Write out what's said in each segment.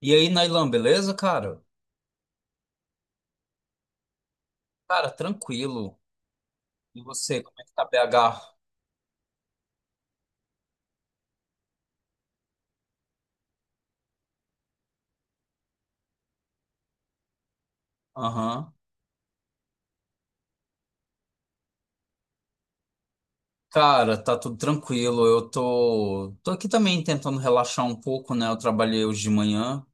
E aí, Nailan, beleza, cara? Cara, tranquilo. E você, como é que tá BH? Aham. Cara, tá tudo tranquilo. Eu tô aqui também tentando relaxar um pouco, né? Eu trabalhei hoje de manhã.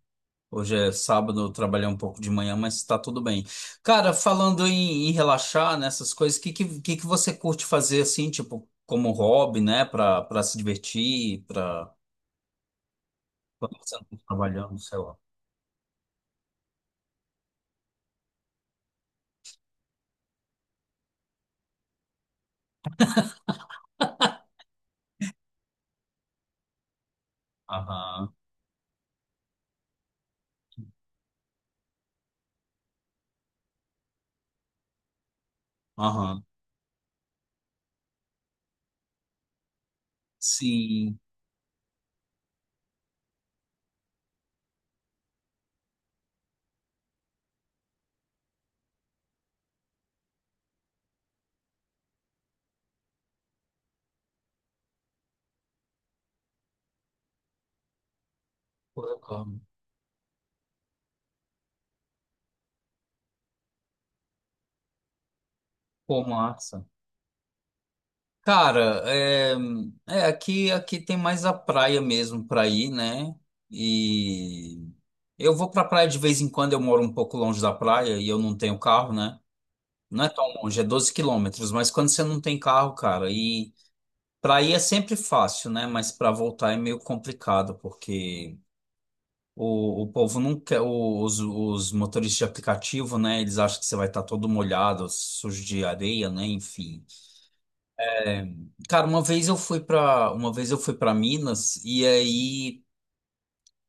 Hoje é sábado, eu trabalhei um pouco de manhã, mas tá tudo bem. Cara, falando em relaxar nessas coisas, o que que você curte fazer assim, tipo, como hobby, né? Pra se divertir, pra quando você não tá trabalhando, sei lá. Aham, aham. Sim. Pô, eu amo. Pô, massa. Cara, aqui tem mais a praia mesmo para ir, né? E eu vou para praia de vez em quando, eu moro um pouco longe da praia e eu não tenho carro, né? Não é tão longe, é 12 km, mas quando você não tem carro, cara, e para ir é sempre fácil, né? Mas para voltar é meio complicado, porque o povo não quer, os motoristas de aplicativo, né? Eles acham que você vai estar todo molhado, sujo de areia, né? Enfim. Cara, uma vez eu fui para Minas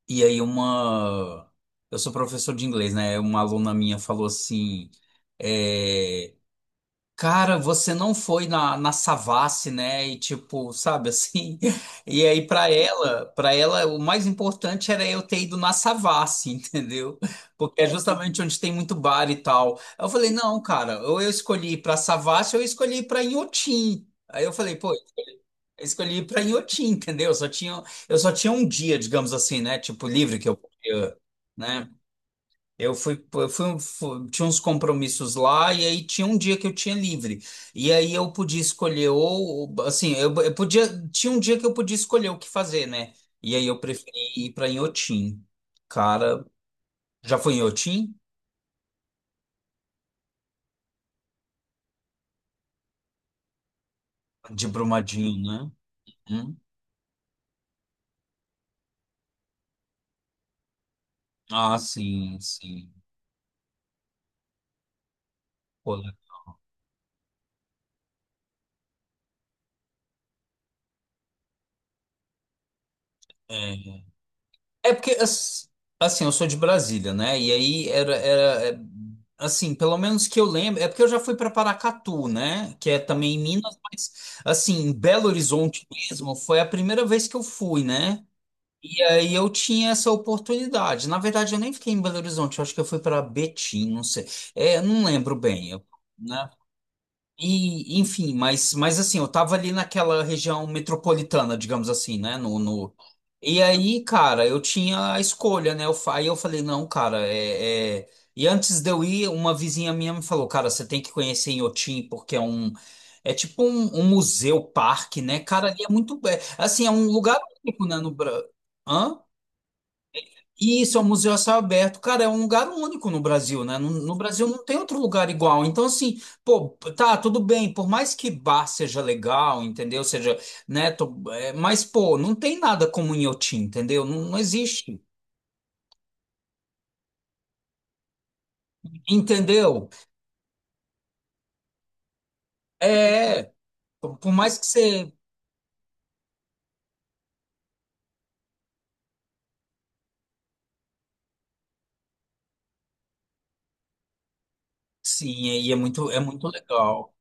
e aí uma eu sou professor de inglês, né? Uma aluna minha falou assim, é, cara, você não foi na Savassi, né? E tipo, sabe assim. E aí para ela o mais importante era eu ter ido na Savassi, entendeu? Porque é justamente onde tem muito bar e tal. Eu falei, não, cara, ou eu escolhi ir pra Savassi ou eu escolhi ir pra Inhotim. Aí eu falei, pô, eu escolhi ir pra Inhotim, entendeu? Eu só tinha um dia, digamos assim, né? Tipo, livre que eu podia, né? Tinha uns compromissos lá e aí tinha um dia que eu tinha livre. E aí eu podia escolher ou, assim, eu podia, tinha um dia que eu podia escolher o que fazer, né? E aí eu preferi ir pra Inhotim. Cara, já foi em Inhotim? De Brumadinho, né? Hum? Ah, sim, sim. Pô, é. É porque, assim, eu sou de Brasília, né? E aí era, assim, pelo menos que eu lembro, é porque eu já fui para Paracatu, né? Que é também em Minas, mas, assim, em Belo Horizonte mesmo, foi a primeira vez que eu fui, né? E aí eu tinha essa oportunidade. Na verdade, eu nem fiquei em Belo Horizonte, eu acho que eu fui para Betim, não sei. É, não lembro bem, eu, né? E, enfim, mas assim, eu tava ali naquela região metropolitana, digamos assim, né? No, no... E aí, cara, eu tinha a escolha, né? Aí eu falei, não, cara, E antes de eu ir, uma vizinha minha me falou, cara, você tem que conhecer Inhotim, porque é um... É tipo um museu, parque, né? Cara, ali é muito... É, assim, é um lugar único, né? No... Hã? Isso, é um museu a céu aberto. Cara, é um lugar único no Brasil, né? No Brasil não tem outro lugar igual. Então, assim, pô, tá, tudo bem. Por mais que bar seja legal, entendeu? Seja, né? Mas, pô, não tem nada como Inhotim, entendeu? Não, não existe. Entendeu? É, por mais que você... Sim, e é muito legal.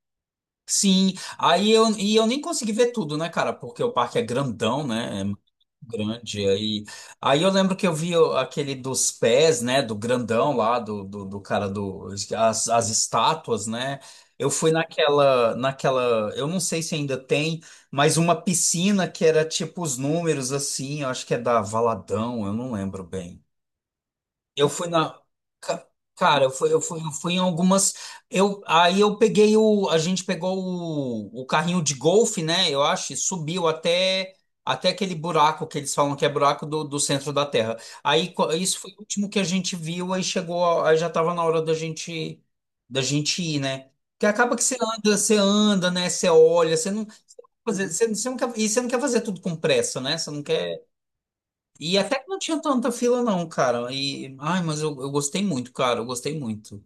Sim, e eu nem consegui ver tudo, né, cara? Porque o parque é grandão, né? É muito grande. Aí, eu lembro que eu vi aquele dos pés, né? Do grandão lá, do cara do. As estátuas, né? Eu fui naquela. Eu não sei se ainda tem, mas uma piscina que era tipo os números assim, eu acho que é da Valadão, eu não lembro bem. Eu fui na. ca- Cara, eu fui em algumas. Aí eu peguei o. A gente pegou o carrinho de golfe, né? Eu acho, e subiu até aquele buraco que eles falam que é buraco do centro da Terra. Aí isso foi o último que a gente viu, aí chegou. Aí já tava na hora da gente ir, né? Porque acaba que você anda, né? Você olha, você não. Você não quer, e você não quer fazer tudo com pressa, né? Você não quer. E até que não tinha tanta fila, não, cara. E, ai, mas eu gostei muito, cara. Eu gostei muito.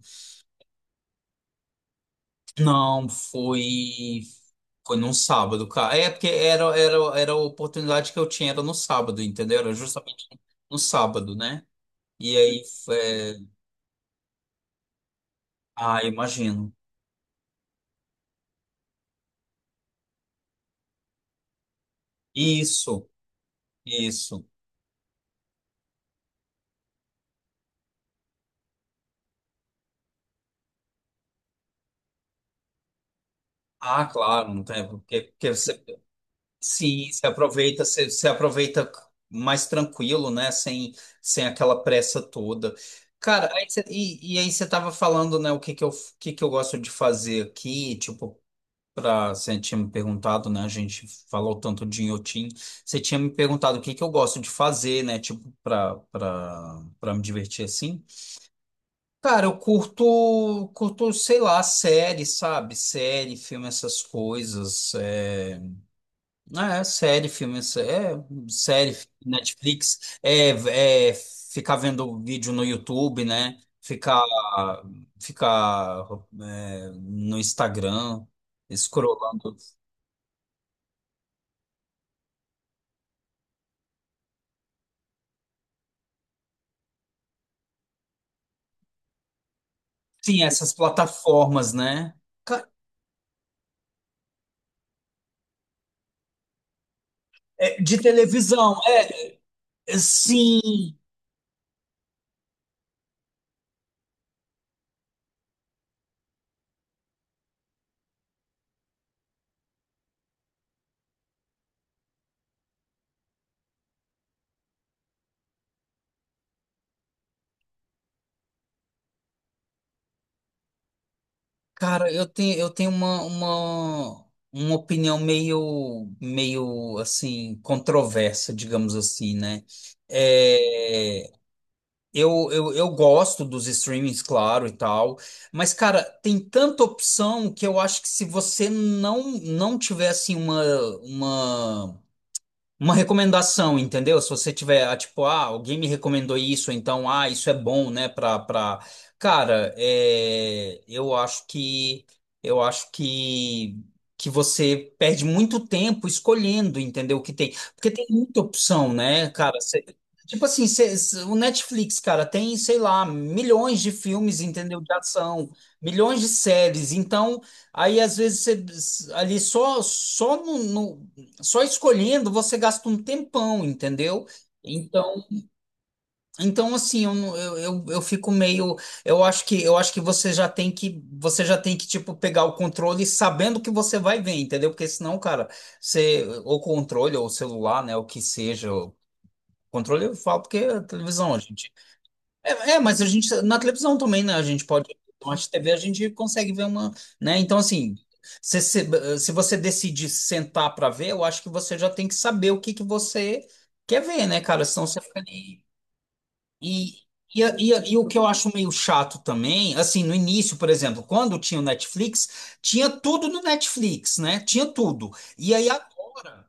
Não, foi. Foi num sábado, cara. É, porque era a oportunidade que eu tinha, era no sábado, entendeu? Era justamente no sábado, né? E aí, é, imagino. Isso, isso. Ah, claro, não tem. Porque, porque você sim, se aproveita, se aproveita mais tranquilo, né? Sem aquela pressa toda. Cara, e aí você tava falando, né, o que que eu gosto de fazer aqui, tipo, pra, você tinha me perguntado, né, a gente falou tanto de Inhotim, você tinha me perguntado o que que eu gosto de fazer, né, tipo, pra me divertir assim. Cara, eu curto, sei lá, série, sabe? Série, filme, essas coisas. É... Ah, é série, filme, é série, Netflix, ficar vendo vídeo no YouTube, né? Ficar no Instagram, escrolando. Sim, essas plataformas, né? Ca- é, de televisão, é, é, sim. Cara, eu tenho uma opinião meio, assim, controversa, digamos assim, né? É, eu gosto dos streamings, claro, e tal, mas, cara, tem tanta opção que eu acho que se você não tiver, assim, uma uma recomendação, entendeu? Se você tiver, ah, tipo, ah, alguém me recomendou isso, então, ah, isso é bom, né, pra, pra... Cara, eu acho que você perde muito tempo escolhendo, entendeu, o que tem. Porque tem muita opção, né, cara? Tipo assim, o Netflix, cara, tem, sei lá, milhões de filmes, entendeu, de ação, milhões de séries, então... Aí às vezes você ali só só só escolhendo você gasta um tempão, entendeu? Então, então assim, eu, não- eu fico meio, eu acho que você já tem que tipo pegar o controle sabendo que você vai ver, entendeu? Porque senão, cara, você ou controle ou celular, né, o que seja, o controle eu falo porque é televisão, a gente mas a gente, na televisão também, né? A gente pode. Na TV a gente consegue ver uma. Né? Então, assim, se, se, se você decidir sentar para ver, eu acho que você já tem que saber o que você quer ver, né, cara? Senão você fica ali. E, e o que eu acho meio chato também, assim, no início, por exemplo, quando tinha o Netflix, tinha tudo no Netflix, né? Tinha tudo. E aí agora.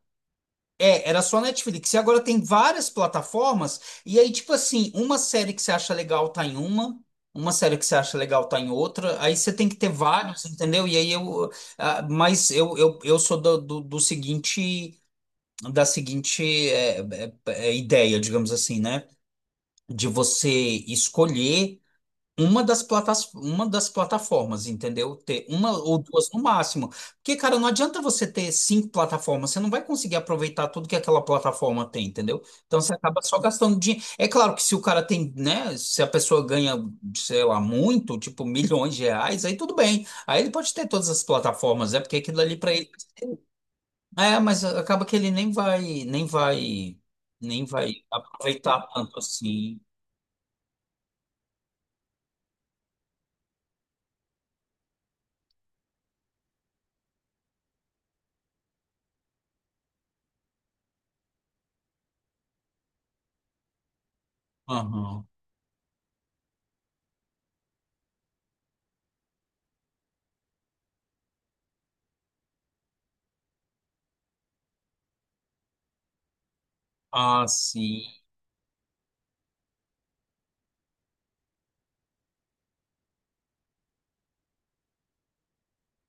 É, era só Netflix. E agora tem várias plataformas. E aí, tipo assim, uma série que você acha legal tá em uma série que você acha legal tá em outra. Aí você tem que ter vários, entendeu? E aí eu. Ah, mas eu sou do seguinte. Da seguinte é, é, ideia, digamos assim, né? De você escolher. Uma das plataformas, entendeu? Ter uma ou duas no máximo. Porque, cara, não adianta você ter cinco plataformas, você não vai conseguir aproveitar tudo que aquela plataforma tem, entendeu? Então você acaba só gastando dinheiro. É claro que se o cara tem, né? Se a pessoa ganha, sei lá, muito, tipo milhões de reais, aí tudo bem. Aí ele pode ter todas as plataformas, é porque aquilo ali pra ele. É, mas acaba que ele nem vai aproveitar tanto assim. Aham. Ah, sim.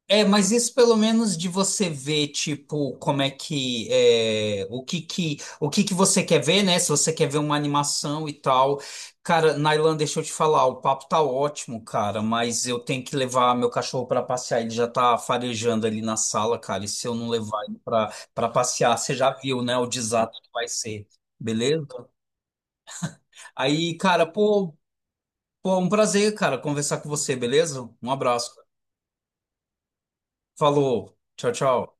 É, mas isso pelo menos de você ver, tipo, como é que, é, o que que você quer ver, né? Se você quer ver uma animação e tal. Cara, Nailan, deixa eu te falar, o papo tá ótimo, cara, mas eu tenho que levar meu cachorro pra passear, ele já tá farejando ali na sala, cara, e se eu não levar ele pra passear, você já viu, né, o desastre que vai ser, beleza? Aí, cara, pô, um prazer, cara, conversar com você, beleza? Um abraço. Falou, tchau, tchau.